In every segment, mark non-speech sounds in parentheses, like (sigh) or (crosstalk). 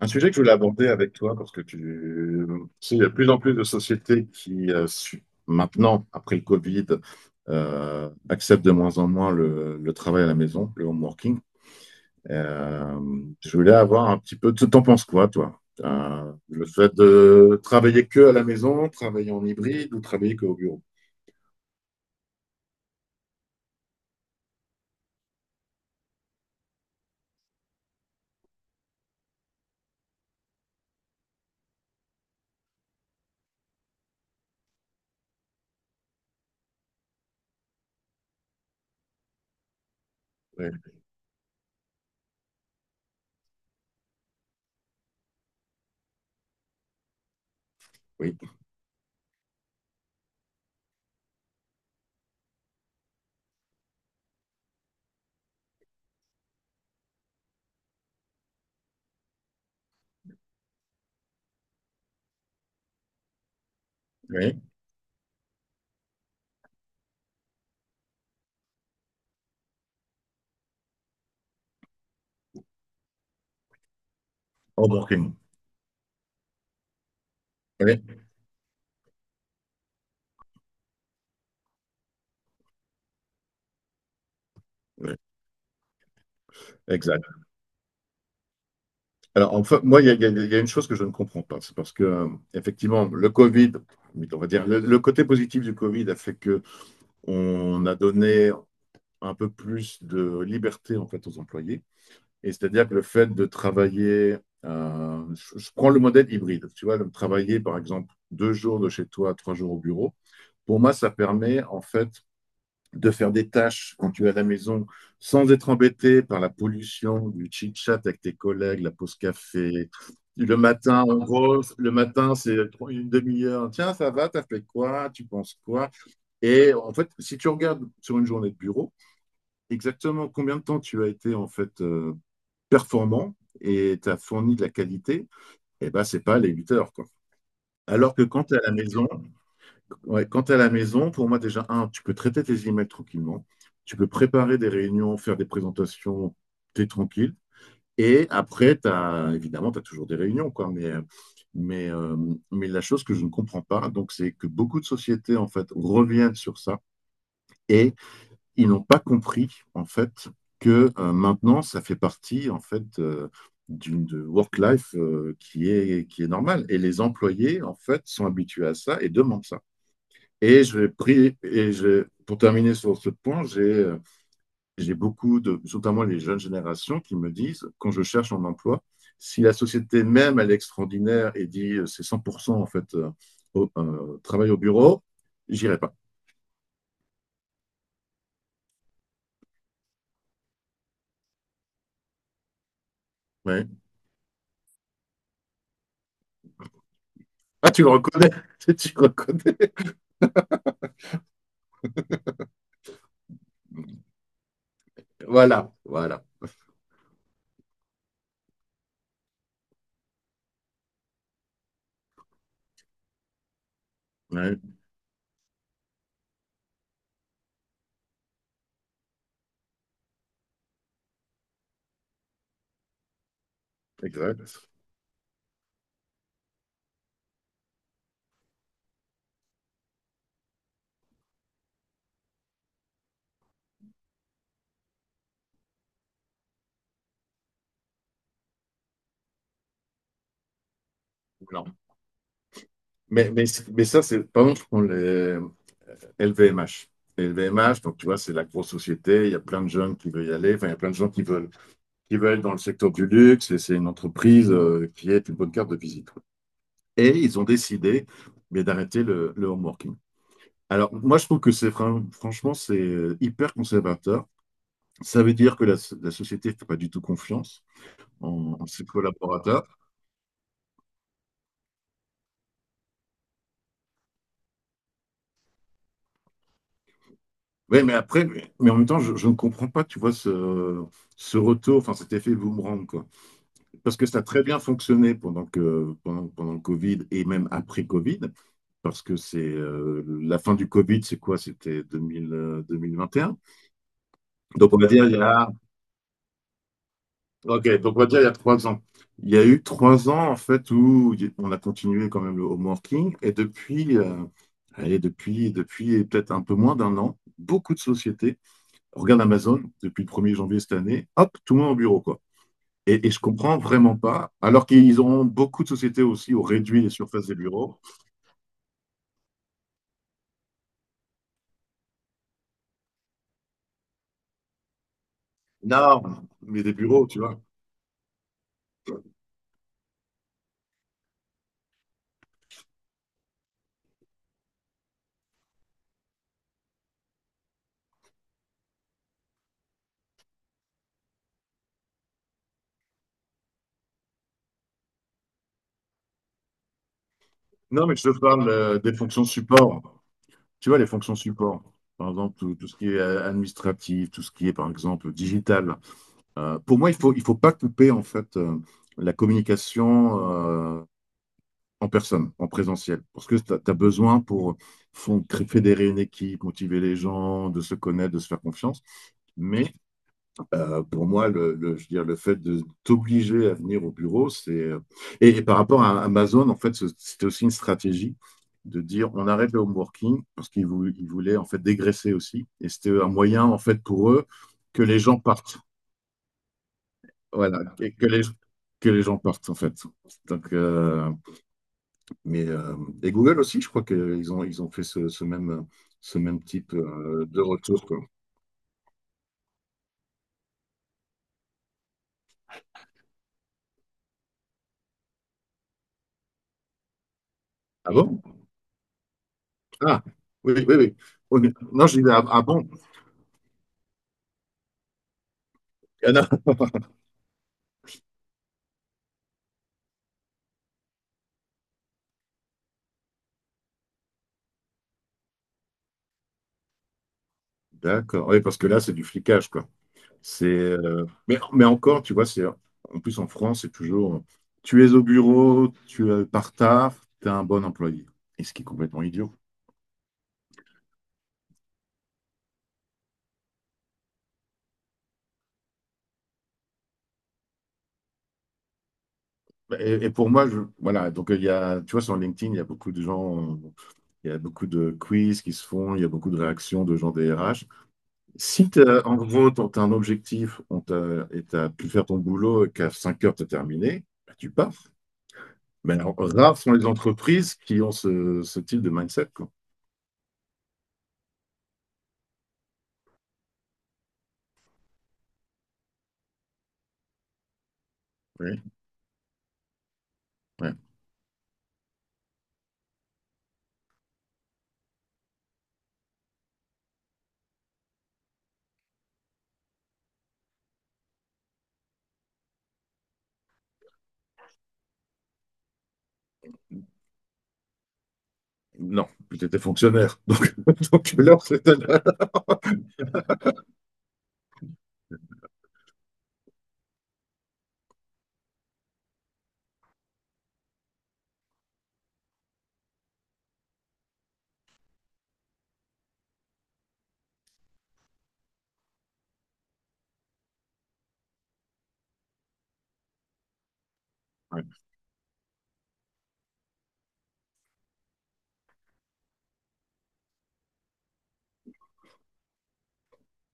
Un sujet que je voulais aborder avec toi, parce que tu sais, il y a de plus en plus de sociétés qui, maintenant, après le Covid, acceptent de moins en moins le travail à la maison, le home working. Euh, je voulais avoir un petit peu, tu t'en penses quoi, toi? Le fait de travailler que à la maison, travailler en hybride ou travailler que au bureau? Oui, oui, oui. Home working. Oui, oui, exact. Alors, enfin, moi, il y a une chose que je ne comprends pas. C'est parce que, effectivement, le Covid, on va dire, le côté positif du Covid a fait que on a donné un peu plus de liberté, en fait, aux employés. Et c'est-à-dire que le fait de travailler, je prends le modèle hybride, tu vois, de travailler, par exemple, 2 jours de chez toi, 3 jours au bureau. Pour moi, ça permet, en fait, de faire des tâches quand tu es à la maison sans être embêté par la pollution du chit-chat avec tes collègues, la pause café. Le matin, en gros, le matin, c'est une demi-heure. Tiens, ça va, t'as fait quoi? Tu penses quoi? Et en fait, si tu regardes sur une journée de bureau, exactement combien de temps tu as été en fait performant et tu as fourni de la qualité, eh ben, c'est pas les 8 heures, quoi. Alors que quand tu es à la maison, ouais, quand tu à la maison, pour moi, déjà, un, tu peux traiter tes emails tranquillement. Tu peux préparer des réunions, faire des présentations, tu es tranquille. Et après, t'as, évidemment, tu as toujours des réunions, quoi, mais, euh, mais la chose que je ne comprends pas, donc, c'est que beaucoup de sociétés, en fait, reviennent sur ça et ils n'ont pas compris, en fait, que maintenant, ça fait partie, en fait, d'une de work-life qui est normale. Et les employés, en fait, sont habitués à ça et demandent ça. Et je l'ai pris, et je, pour terminer sur ce point, j'ai beaucoup de, notamment les jeunes générations, qui me disent, quand je cherche un emploi, si la société même, elle est extraordinaire et dit c'est 100% en fait travail au bureau, j'irai pas. Ouais. Ah, tu le reconnais, (laughs) tu le reconnais. Voilà, voilà. Ouais, exact. Non. Mais, mais, mais ça, c'est, pardon, je prends les LVMH. Les LVMH, donc tu vois, c'est la grosse société, il y a plein de jeunes qui veulent y aller, enfin, il y a plein de gens qui veulent dans le secteur du luxe, et c'est une entreprise qui est une bonne carte de visite. Et ils ont décidé mais d'arrêter le home working. Alors, moi, je trouve que c'est franchement, c'est hyper conservateur. Ça veut dire que la société ne fait pas du tout confiance en ses collaborateurs. Oui, mais après, mais en même temps, je ne comprends pas, tu vois, ce retour, enfin cet effet boomerang, quoi. Parce que ça a très bien fonctionné pendant le Covid et même après Covid. Parce que c'est la fin du Covid, c'est quoi? C'était 2000, 2021. Donc on va dire il y a, ok, donc on va dire il y a 3 ans. Il y a eu 3 ans en fait où on a continué quand même le homeworking et depuis, allez, depuis peut-être un peu moins d'un an, beaucoup de sociétés, regarde Amazon, depuis le 1er janvier cette année, hop, tout le monde au bureau quoi. Et je comprends vraiment pas, alors qu'ils ont beaucoup de sociétés aussi ont réduit les surfaces des bureaux. Non, mais des bureaux, tu vois. Non, mais je te parle des fonctions support. Tu vois, les fonctions support, par exemple, tout ce qui est administratif, tout ce qui est, par exemple, digital. Pour moi, il faut pas couper, en fait, la communication euh, en personne, en présentiel, parce que tu as, besoin pour fédérer une équipe, motiver les gens, de se connaître, de se faire confiance. Mais pour moi, je veux dire, le fait de t'obliger à venir au bureau, c'est. Et par rapport à Amazon, en fait, c'était aussi une stratégie de dire on arrête le home working parce qu'ils vou- ils voulaient en fait dégraisser aussi. Et c'était un moyen, en fait, pour eux que les gens partent. Voilà, et que les gens partent, en fait. Donc, mais, et Google aussi, je crois qu'ils ont fait ce même type de retour, quoi. Ah bon? Ah, oui, oui, oui. Oh, Non, je disais, ah, ah bon? Ah, non. D'accord. Oui, parce que là, c'est du flicage, quoi. Mais encore, tu vois, c'est en plus en France, c'est toujours tu es au bureau, tu es par tard, tu es un bon employé. Et ce qui est complètement idiot. Et pour moi, voilà, donc il y a, tu vois, sur LinkedIn, il y a beaucoup de gens, il y a beaucoup de quiz qui se font, il y a beaucoup de réactions de gens des RH. Si t'as- En gros, tu as un objectif et tu pu faire ton boulot et qu'à 5 heures, tu terminé, bah, tu pars. Mais alors, rares sont les entreprises qui ont ce type de mindset, quoi. Oui, ouais. Non, tu étais fonctionnaire. Donc, (laughs) donc l'heure, c'était l'heure. Ouais.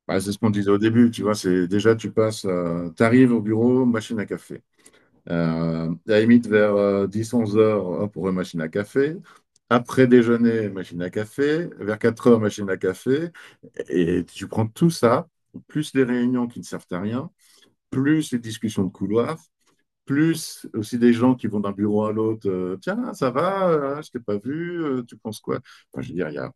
Bah, c'est ce qu'on disait au début, tu vois, c'est déjà tu passes, tu arrives au bureau, machine à café. À la limite, vers 10-11 heures, hop, on machine à café. Après déjeuner, machine à café. Vers 4 heures, machine à café. Et tu prends tout ça, plus les réunions qui ne servent à rien, plus les discussions de couloir, plus aussi des gens qui vont d'un bureau à l'autre. Tiens, ça va, je t'ai pas vu, tu penses quoi? Enfin, je veux dire,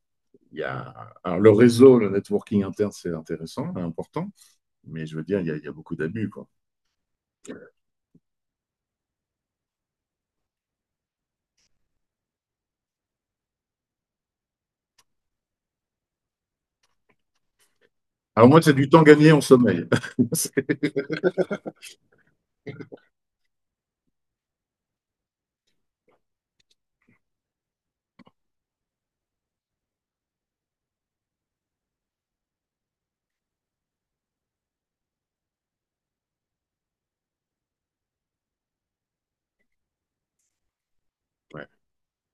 il y a- Alors, le réseau, le networking interne, c'est intéressant, important, mais je veux dire, il y a beaucoup d'abus, quoi. Alors, moi, c'est du temps gagné en sommeil. (laughs)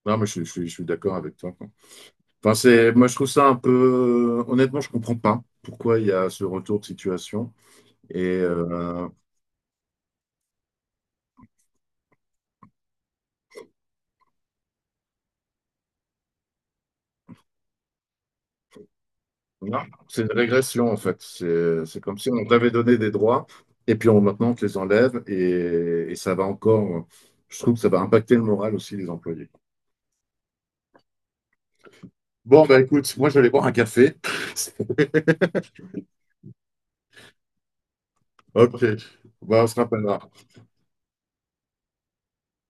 Non, mais je suis d'accord avec toi, quoi. Enfin, c'est, moi, je trouve ça un peu. Honnêtement, je comprends pas pourquoi il y a ce retour de situation. Et non, c'est une régression, en fait. C'est comme si on t'avait donné des droits, et puis on, maintenant, on te les enlève, et ça va encore. Je trouve que ça va impacter le moral aussi des employés. Bon, bah écoute, moi, je vais aller boire un café. (laughs) Ok, bah, on se rappellera.